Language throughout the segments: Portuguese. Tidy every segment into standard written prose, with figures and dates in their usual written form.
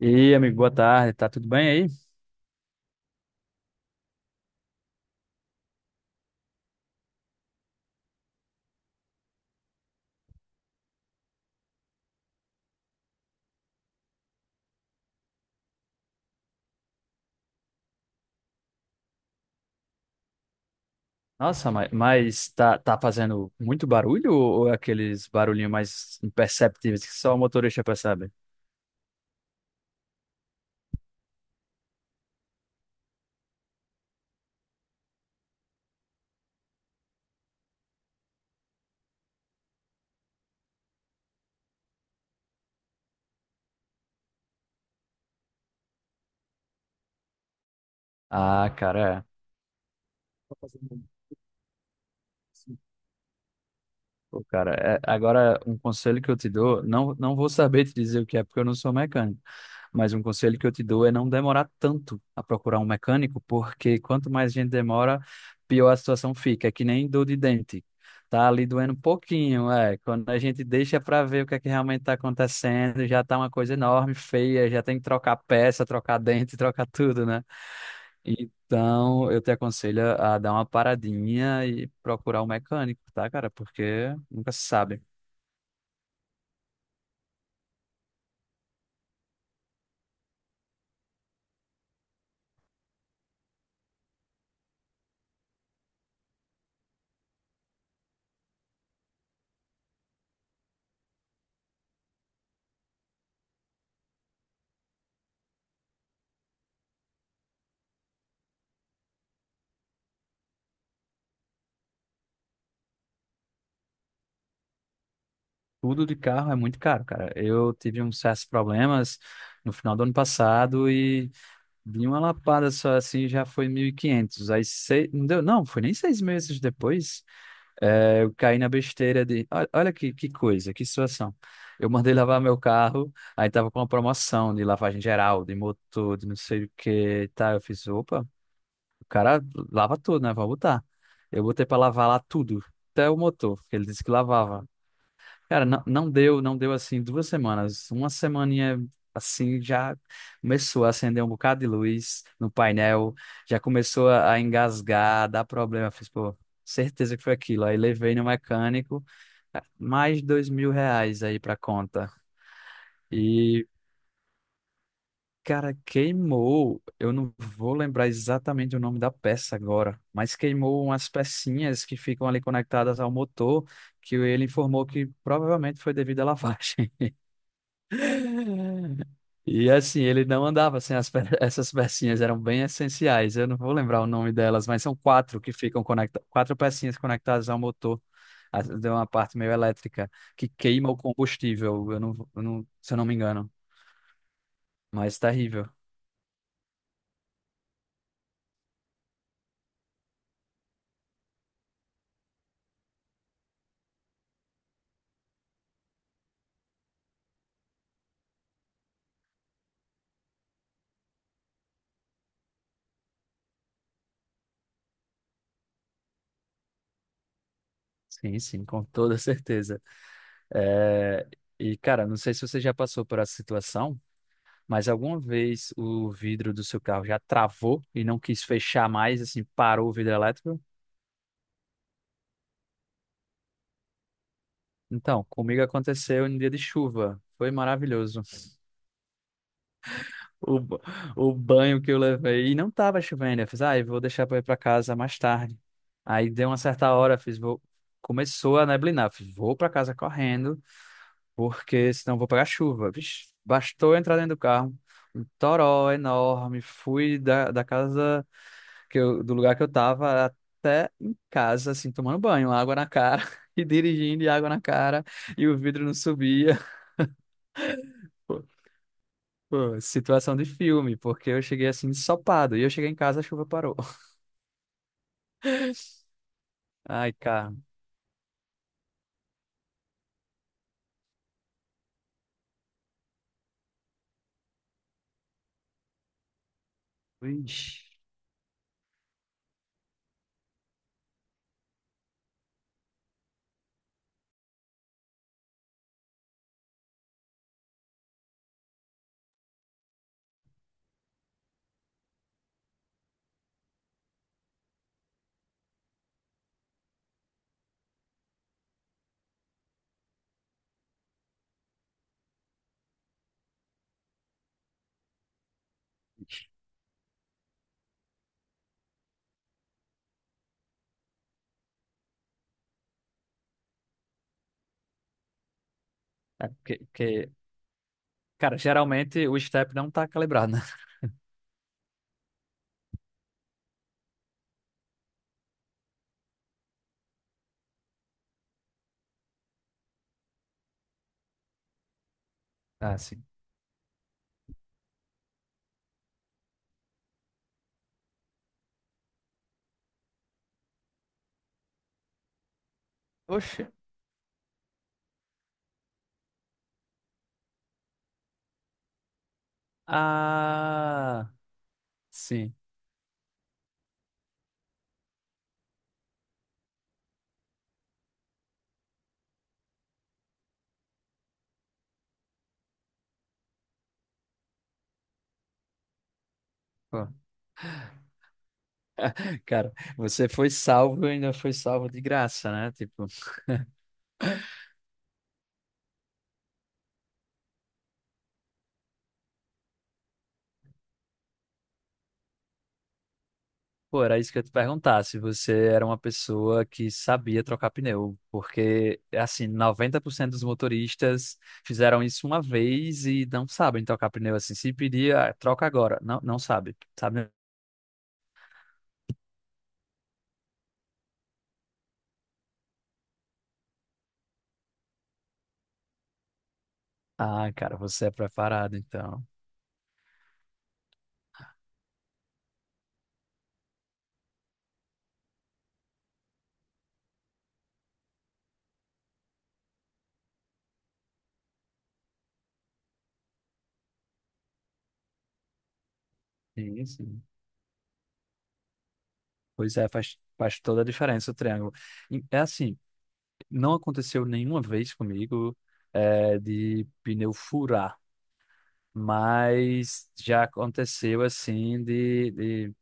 E amigo, boa tarde, tá tudo bem aí? Nossa, mas, tá fazendo muito barulho ou é aqueles barulhinhos mais imperceptíveis que só o motorista percebe? Ah, cara, é. Pô, cara, agora um conselho que eu te dou, não, não vou saber te dizer o que é porque eu não sou mecânico, mas um conselho que eu te dou é não demorar tanto a procurar um mecânico, porque quanto mais gente demora, pior a situação fica. É que nem dor de dente. Tá ali doendo um pouquinho, é. Quando a gente deixa para ver o que é que realmente tá acontecendo, já tá uma coisa enorme, feia, já tem que trocar peça, trocar dente, trocar tudo, né? Então, eu te aconselho a dar uma paradinha e procurar um mecânico, tá, cara? Porque nunca se sabe. Tudo de carro é muito caro, cara. Eu tive uns certos problemas no final do ano passado e de uma lapada só assim já foi 1.500. Aí sei, não deu, não, foi nem 6 meses depois. Eu caí na besteira de. Olha, olha que coisa, que situação. Eu mandei lavar meu carro, aí tava com uma promoção de lavagem geral, de motor, de não sei o que e tal. Eu fiz, opa. O cara lava tudo, né? Vou botar. Eu botei pra lavar lá tudo, até o motor, que ele disse que lavava. Cara, não, não deu, não deu assim 2 semanas. Uma semaninha assim já começou a acender um bocado de luz no painel, já começou a engasgar, a dar problema. Eu fiz, pô, certeza que foi aquilo. Aí levei no mecânico, mais R$ 2.000 aí pra conta. e Cara, queimou. Eu não vou lembrar exatamente o nome da peça agora, mas queimou umas pecinhas que ficam ali conectadas ao motor, que ele informou que provavelmente foi devido à lavagem. E assim, ele não andava sem essas pecinhas, eram bem essenciais. Eu não vou lembrar o nome delas, mas são quatro que ficam conectadas, quatro pecinhas conectadas ao motor, de uma parte meio elétrica, que queima o combustível, eu não, se eu não me engano. Mas terrível. Sim, sim, com toda certeza. É, e, cara, não sei se você já passou por essa situação, mas alguma vez o vidro do seu carro já travou e não quis fechar mais, assim, parou o vidro elétrico? Então, comigo aconteceu em dia de chuva. Foi maravilhoso. O, ba- o banho que eu levei. E não tava chovendo. Eu fiz, ah, eu vou deixar pra ir pra casa mais tarde. Aí deu uma certa hora, eu fiz, vou. Começou a neblinar. Eu fiz, vou pra casa correndo porque senão eu vou pegar chuva. Vixe, bastou eu entrar dentro do carro, um toró enorme. Fui da, da casa que eu, do lugar que eu tava até em casa, assim, tomando banho, água na cara e dirigindo e água na cara e o vidro não subia. Pô, Pô, situação de filme, porque eu cheguei assim ensopado e eu cheguei em casa, a chuva parou. Ai, cara. Ixi. É porque, cara, geralmente o step não tá calibrado, né? Ah, sim. Oxe. Ah, sim. Pô, cara, você foi salvo e ainda foi salvo de graça, né? Tipo, pô, era isso que eu ia te perguntar, se você era uma pessoa que sabia trocar pneu, porque, assim, 90% dos motoristas fizeram isso uma vez e não sabem trocar pneu, assim, se pedir, ah, troca agora, não, não sabe, sabe? Ah, cara, você é preparado, então. Sim, sim. Pois é, faz toda a diferença o triângulo. É assim, não aconteceu nenhuma vez comigo, é, de pneu furar, mas já aconteceu assim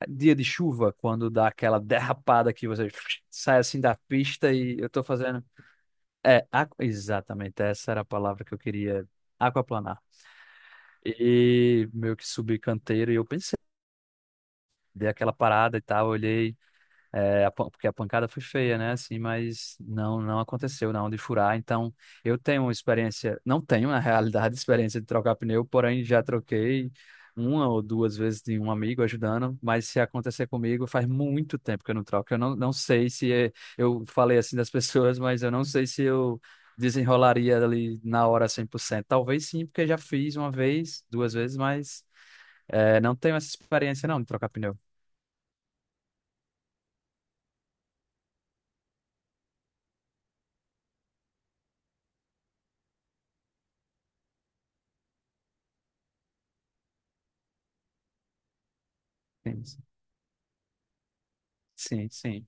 é, dia de chuva, quando dá aquela derrapada que você sai assim da pista e eu tô fazendo. É, exatamente, essa era a palavra que eu queria, aquaplanar. E meio que subi canteiro e eu pensei, dei aquela parada e tal, olhei. É, porque a pancada foi feia, né? Assim, mas não aconteceu, não, de furar. Então, eu tenho uma experiência, não tenho, na realidade, experiência de trocar pneu, porém já troquei uma ou duas vezes de um amigo ajudando, mas se acontecer comigo, faz muito tempo que eu não troco. Eu não, não sei se é- eu falei assim das pessoas, mas eu não sei se eu desenrolaria ali na hora 100%. Talvez sim, porque já fiz uma vez, duas vezes, mas é, não tenho essa experiência, não, de trocar pneu. Sim, sim, sim.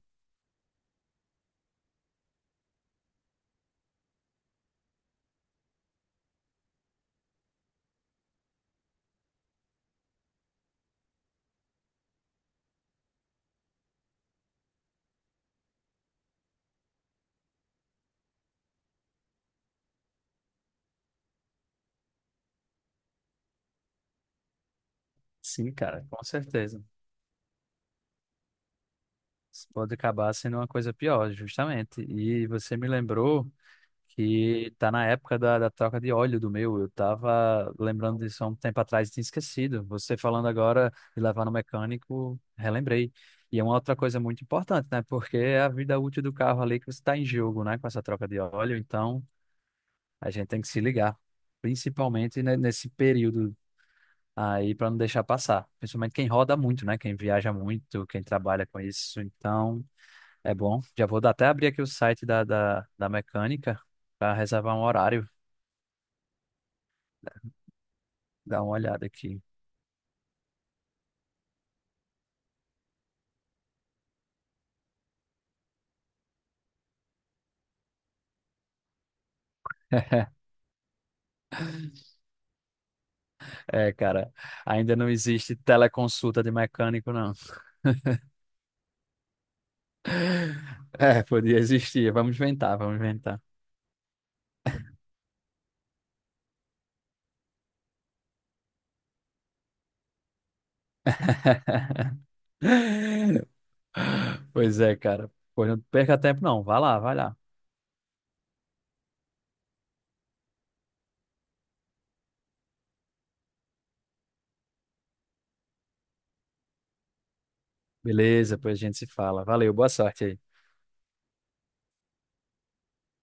Sim, cara, com certeza. Isso pode acabar sendo uma coisa pior, justamente. E você me lembrou que tá na época da troca de óleo do meu. Eu tava lembrando disso há um tempo atrás e tinha esquecido. Você falando agora de levar no mecânico, relembrei. E é uma outra coisa muito importante, né? Porque é a vida útil do carro ali que você está em jogo, né? Com essa troca de óleo. Então, a gente tem que se ligar. Principalmente, né, nesse período, aí para não deixar passar. Principalmente quem roda muito, né? Quem viaja muito, quem trabalha com isso. Então, é bom. Até abrir aqui o site da mecânica para reservar um horário. Dar uma olhada aqui. É, cara, ainda não existe teleconsulta de mecânico, não. É, podia existir. Vamos inventar, vamos inventar. Pois é, cara. Pois não perca tempo, não. Vai lá, vai lá. Beleza, pois a gente se fala. Valeu, boa sorte aí.